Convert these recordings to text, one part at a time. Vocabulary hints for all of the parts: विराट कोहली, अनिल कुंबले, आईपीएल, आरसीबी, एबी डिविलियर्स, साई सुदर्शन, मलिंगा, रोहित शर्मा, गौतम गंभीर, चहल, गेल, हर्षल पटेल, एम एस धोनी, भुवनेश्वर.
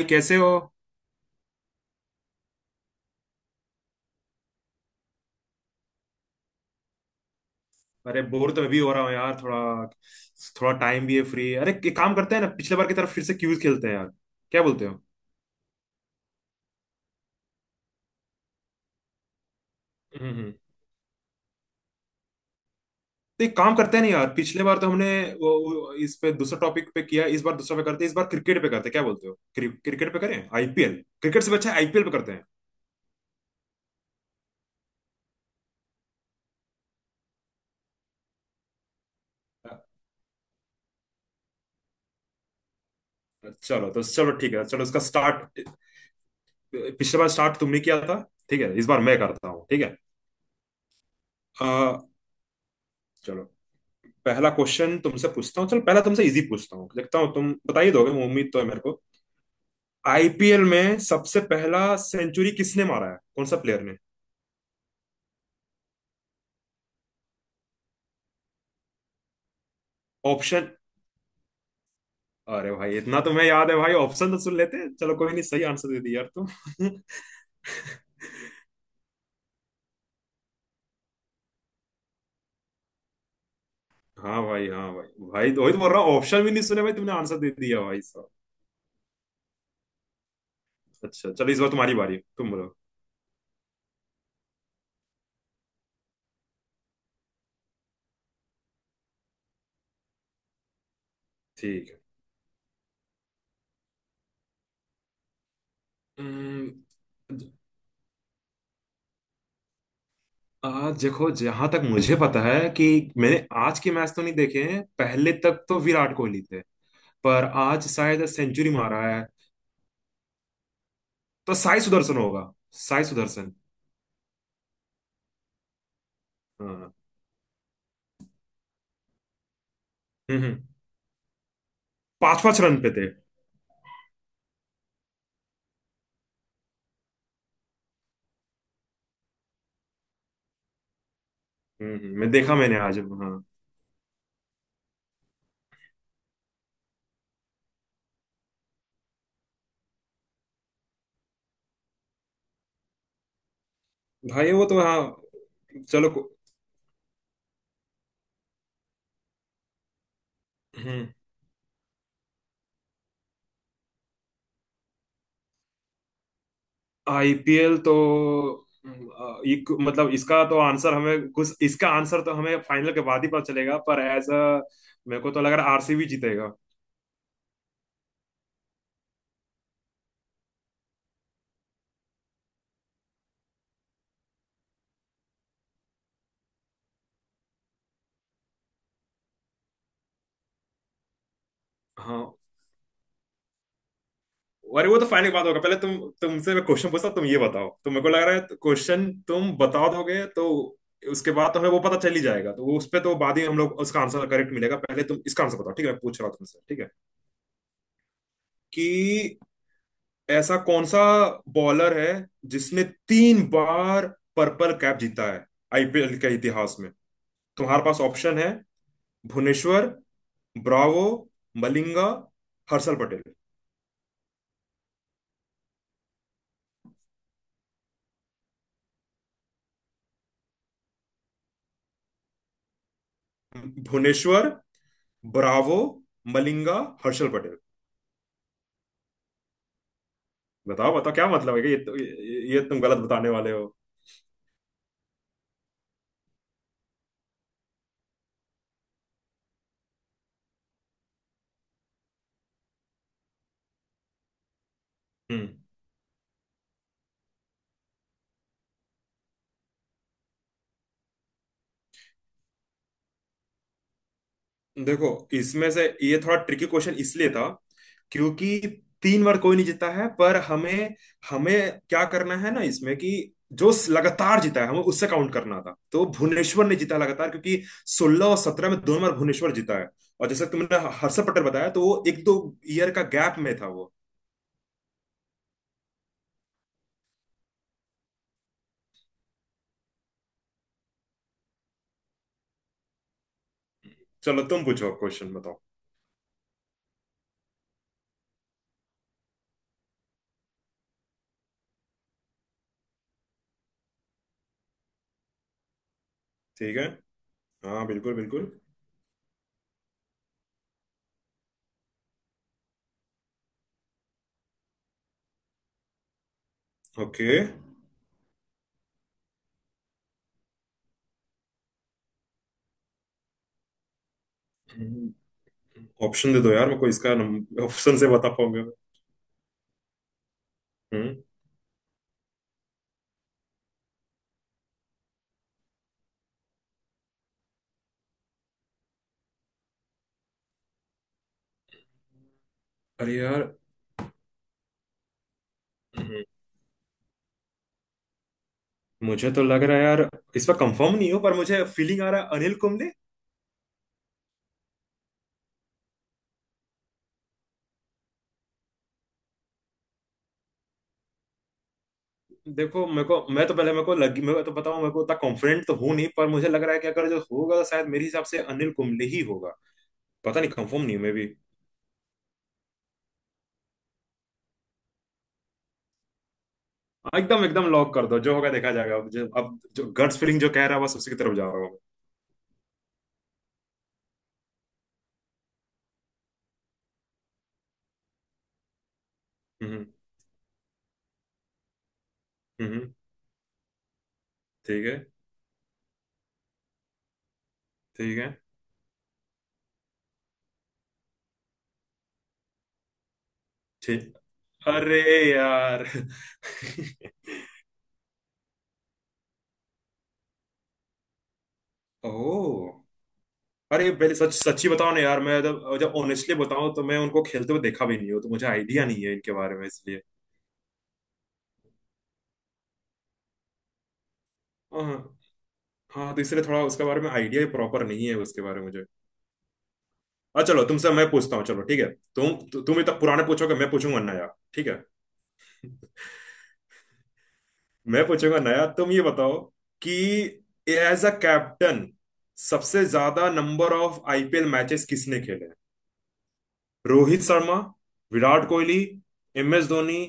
भाई कैसे हो? अरे, बोर तो मैं भी हो रहा हूँ यार। थोड़ा थोड़ा टाइम भी है फ्री। अरे, एक काम करते हैं ना, पिछले बार की तरफ फिर से क्यूज खेलते हैं यार। क्या बोलते हो? हम्म हम्म। तो एक काम करते हैं ना यार, पिछले बार तो हमने वो वो इस पे दूसरा टॉपिक पे किया, इस बार दूसरा पे करते हैं। इस बार क्रिकेट पे करते हैं, क्या बोलते हो? क्रिकेट पे करें आईपीएल। क्रिकेट से भी अच्छा आईपीएल पे करते हैं। चलो तो चलो, ठीक है, चलो इसका स्टार्ट। पिछले बार स्टार्ट तुमने किया था, ठीक है इस बार मैं करता हूँ, ठीक है। अ, चलो, पहला क्वेश्चन तुमसे पूछता हूँ। चल पहला तुमसे इजी पूछता हूँ, देखता हूँ तुम बता ही दोगे, उम्मीद तो है मेरे को। आईपीएल में सबसे पहला सेंचुरी किसने मारा है, कौन सा प्लेयर ने? ऑप्शन। अरे भाई, इतना तुम्हें याद है भाई, ऑप्शन तो सुन लेते। चलो कोई नहीं, सही आंसर दे दिया यार तुम। हाँ भाई, हाँ भाई, भाई तो वही तो बोल रहा हूँ, ऑप्शन भी नहीं सुने भाई, तुमने आंसर दे दिया भाई साहब। अच्छा चलो, इस बार तुम्हारी बारी है, तुम बोलो। ठीक है। हम्म, देखो, जहां तक मुझे पता है कि मैंने आज के मैच तो नहीं देखे हैं, पहले तक तो विराट कोहली थे। पर आज शायद सेंचुरी मारा है, तो साई सुदर्शन होगा। साई सुदर्शन। हाँ। हम्म, पांच पांच रन पे थे। मैं देखा, मैंने आज, हाँ। भाई वो तो हाँ। चलो हम्म। आईपीएल तो मतलब इसका आंसर तो हमें फाइनल के बाद ही पता चलेगा, पर एज अ। मेरे को तो लग रहा है आरसीबी जीतेगा। हाँ। अरे वो तो फाइनल की बात होगा, पहले तुम, तुमसे मैं क्वेश्चन पूछता हूं, तुम ये बताओ, तो मेरे को लग रहा है क्वेश्चन तुम बता दोगे, तो उसके बाद तो हमें वो पता चल ही जाएगा, तो वो उस पे तो बाद ही हम लोग उसका आंसर करेक्ट मिलेगा। पहले तुम इसका आंसर बताओ, ठीक है, मैं पूछ रहा हूँ तुमसे, ठीक है? कि ऐसा कौन सा बॉलर है जिसने तीन बार पर्पल कैप जीता है आईपीएल के इतिहास में? तुम्हारे पास ऑप्शन है: भुवनेश्वर, ब्रावो, मलिंगा, हर्षल पटेल। भुवनेश्वर, ब्रावो, मलिंगा, हर्षल पटेल। बताओ बताओ, क्या मतलब है कि ये तुम गलत बताने वाले हो। हम्म। देखो, इसमें से ये थोड़ा ट्रिकी क्वेश्चन इसलिए था क्योंकि तीन बार कोई नहीं जीता है। पर हमें, हमें क्या करना है ना इसमें कि जो लगातार जीता है हमें उससे काउंट करना था। तो भुवनेश्वर ने जीता लगातार क्योंकि 16 और 17 में दोनों बार भुवनेश्वर जीता है। और जैसे तुमने हर्षद पटेल बताया, तो वो एक दो ईयर का गैप में था वो। चलो तुम पूछो, क्वेश्चन बताओ। ठीक है। हाँ बिल्कुल बिल्कुल। ओके। ऑप्शन दे दो यार मेरे को, इसका ऑप्शन से बता पाऊंगा मैं। हम्म। अरे यार। हम्म, मुझे तो लग रहा है यार, इस पर कंफर्म नहीं हो, पर मुझे फीलिंग आ रहा है अनिल कुंबले। देखो मेरे को, मैं तो पहले मेरे को लगी मैं तो बताऊं मेरे को उतना कॉन्फिडेंट तो हूं नहीं, पर मुझे लग रहा है कि अगर जो होगा तो शायद मेरे हिसाब से अनिल कुंबले ही होगा। पता नहीं, कंफर्म नहीं हूं मैं भी। हाँ, एकदम एकदम लॉक कर दो, जो होगा देखा जाएगा, अब जो, अब जो गट्स फीलिंग जो कह रहा है बस उसी की तरफ जा रहा हूँ। हम्म हम्म हम्म। ठीक है, ठीक है। ठीक। अरे यार। ओ। अरे पहले सच सच्ची बताओ ना यार, मैं जब जब ऑनेस्टली बताऊं, तो मैं उनको खेलते हुए देखा भी नहीं हूं, तो मुझे आइडिया नहीं है इनके बारे में, इसलिए। हाँ हाँ। हाँ, तो इसलिए थोड़ा उसके बारे में आइडिया प्रॉपर नहीं है उसके बारे में मुझे। अच्छा चलो, तुमसे मैं पूछता हूँ, चलो ठीक है। तुम इतना पुराने पूछोगे, मैं पूछूंगा नया। ठीक है, मैं पूछूंगा नया, तुम ये बताओ कि एज अ कैप्टन सबसे ज्यादा नंबर ऑफ आईपीएल मैचेस किसने खेले हैं? रोहित शर्मा, विराट कोहली, एम एस धोनी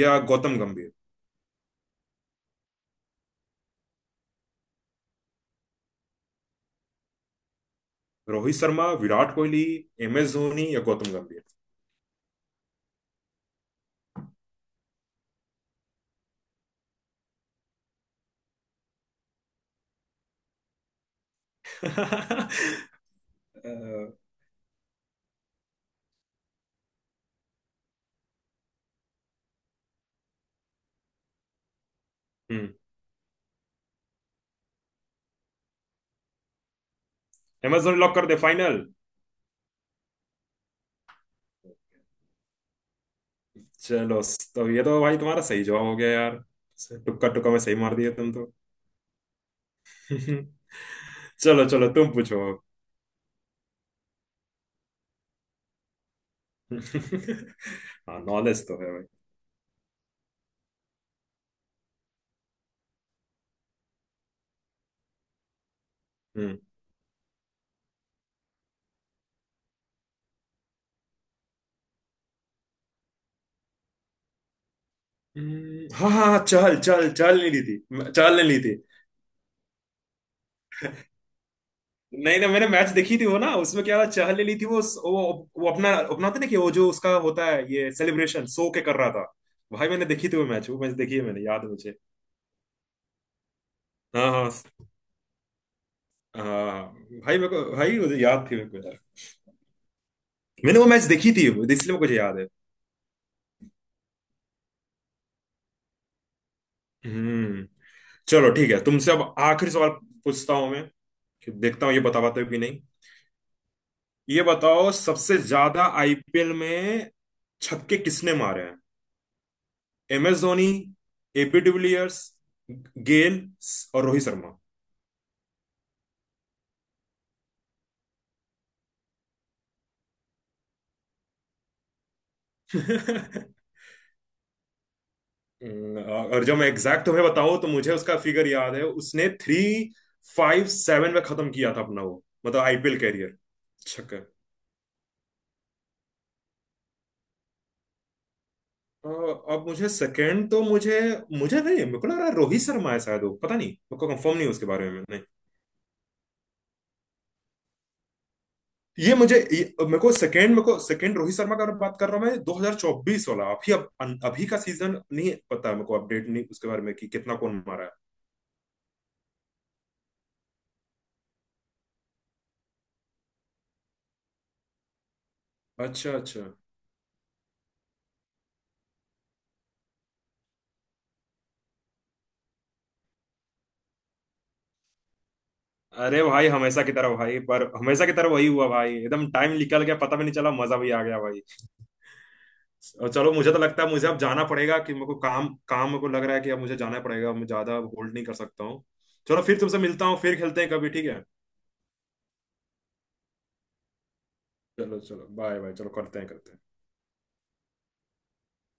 या गौतम गंभीर? रोहित शर्मा, विराट कोहली, एम एस धोनी या गौतम गंभीर? अ, हम्म। एम एस धोनी लॉक कर दे फाइनल। चलो, तो ये तो भाई तुम्हारा सही जवाब हो गया यार। टुक्का टुक्का में सही मार दिया तुम तो। चलो चलो, तुम पूछो। हाँ नॉलेज तो है भाई। हम्म। हाँ हाँ। चल चल चल, नहीं ली थी, चल नहीं ली थी। नहीं ना, मैंने मैच देखी थी वो ना, उसमें क्या चहल ने ली थी। वो अपना अपना होता है ना, कि वो जो उसका होता है ये सेलिब्रेशन सो के कर रहा था। भाई मैंने देखी थी वो मैच, वो मैच देखी है मैंने, याद है मुझे। हाँ हाँ। हाँ भाई मेरे को, भाई मुझे याद थी मेरे को यार। मैंने वो मैच देखी थी वो, इसलिए मुझे याद है। हम्म। चलो ठीक है, तुमसे अब आखिरी सवाल पूछता हूँ मैं, कि देखता हूँ ये बता पाते हो कि नहीं। ये बताओ, सबसे ज्यादा आईपीएल में छक्के किसने मारे हैं? एम एस धोनी, एबी डिविलियर्स, गेल और रोहित शर्मा। और जब, मैं एग्जैक्ट तुम्हें बताऊं तो मुझे उसका फिगर याद है, उसने 357 में खत्म किया था अपना वो मतलब आईपीएल कैरियर। छक्के। अ, अब मुझे सेकंड तो मुझे, मुझे नहीं, मेरे को लग रहा है रोहित शर्मा है शायद वो, पता नहीं, मेरे को कंफर्म नहीं है उसके बारे में नहीं। मेरे को सेकंड, मेरे को सेकंड रोहित शर्मा का बात कर रहा हूँ मैं, 2024 वाला। अभी अब अभी का सीजन नहीं पता है मेरे को, अपडेट नहीं उसके बारे में, कि कितना कौन मारा है। अच्छा अच्छा। अरे भाई, हमेशा की तरह भाई, पर हमेशा की तरह वही हुआ भाई, एकदम टाइम निकल गया, पता भी नहीं चला, मजा भी आ गया भाई। और चलो, मुझे तो लगता है मुझे अब जाना पड़ेगा, कि मेरे को काम, काम मेरे को लग रहा है कि अब मुझे जाना पड़ेगा, मैं ज्यादा होल्ड नहीं कर सकता हूँ। चलो फिर तुमसे मिलता हूँ, फिर खेलते हैं कभी, ठीक है? चलो चलो, बाय बाय, चलो करते हैं करते हैं।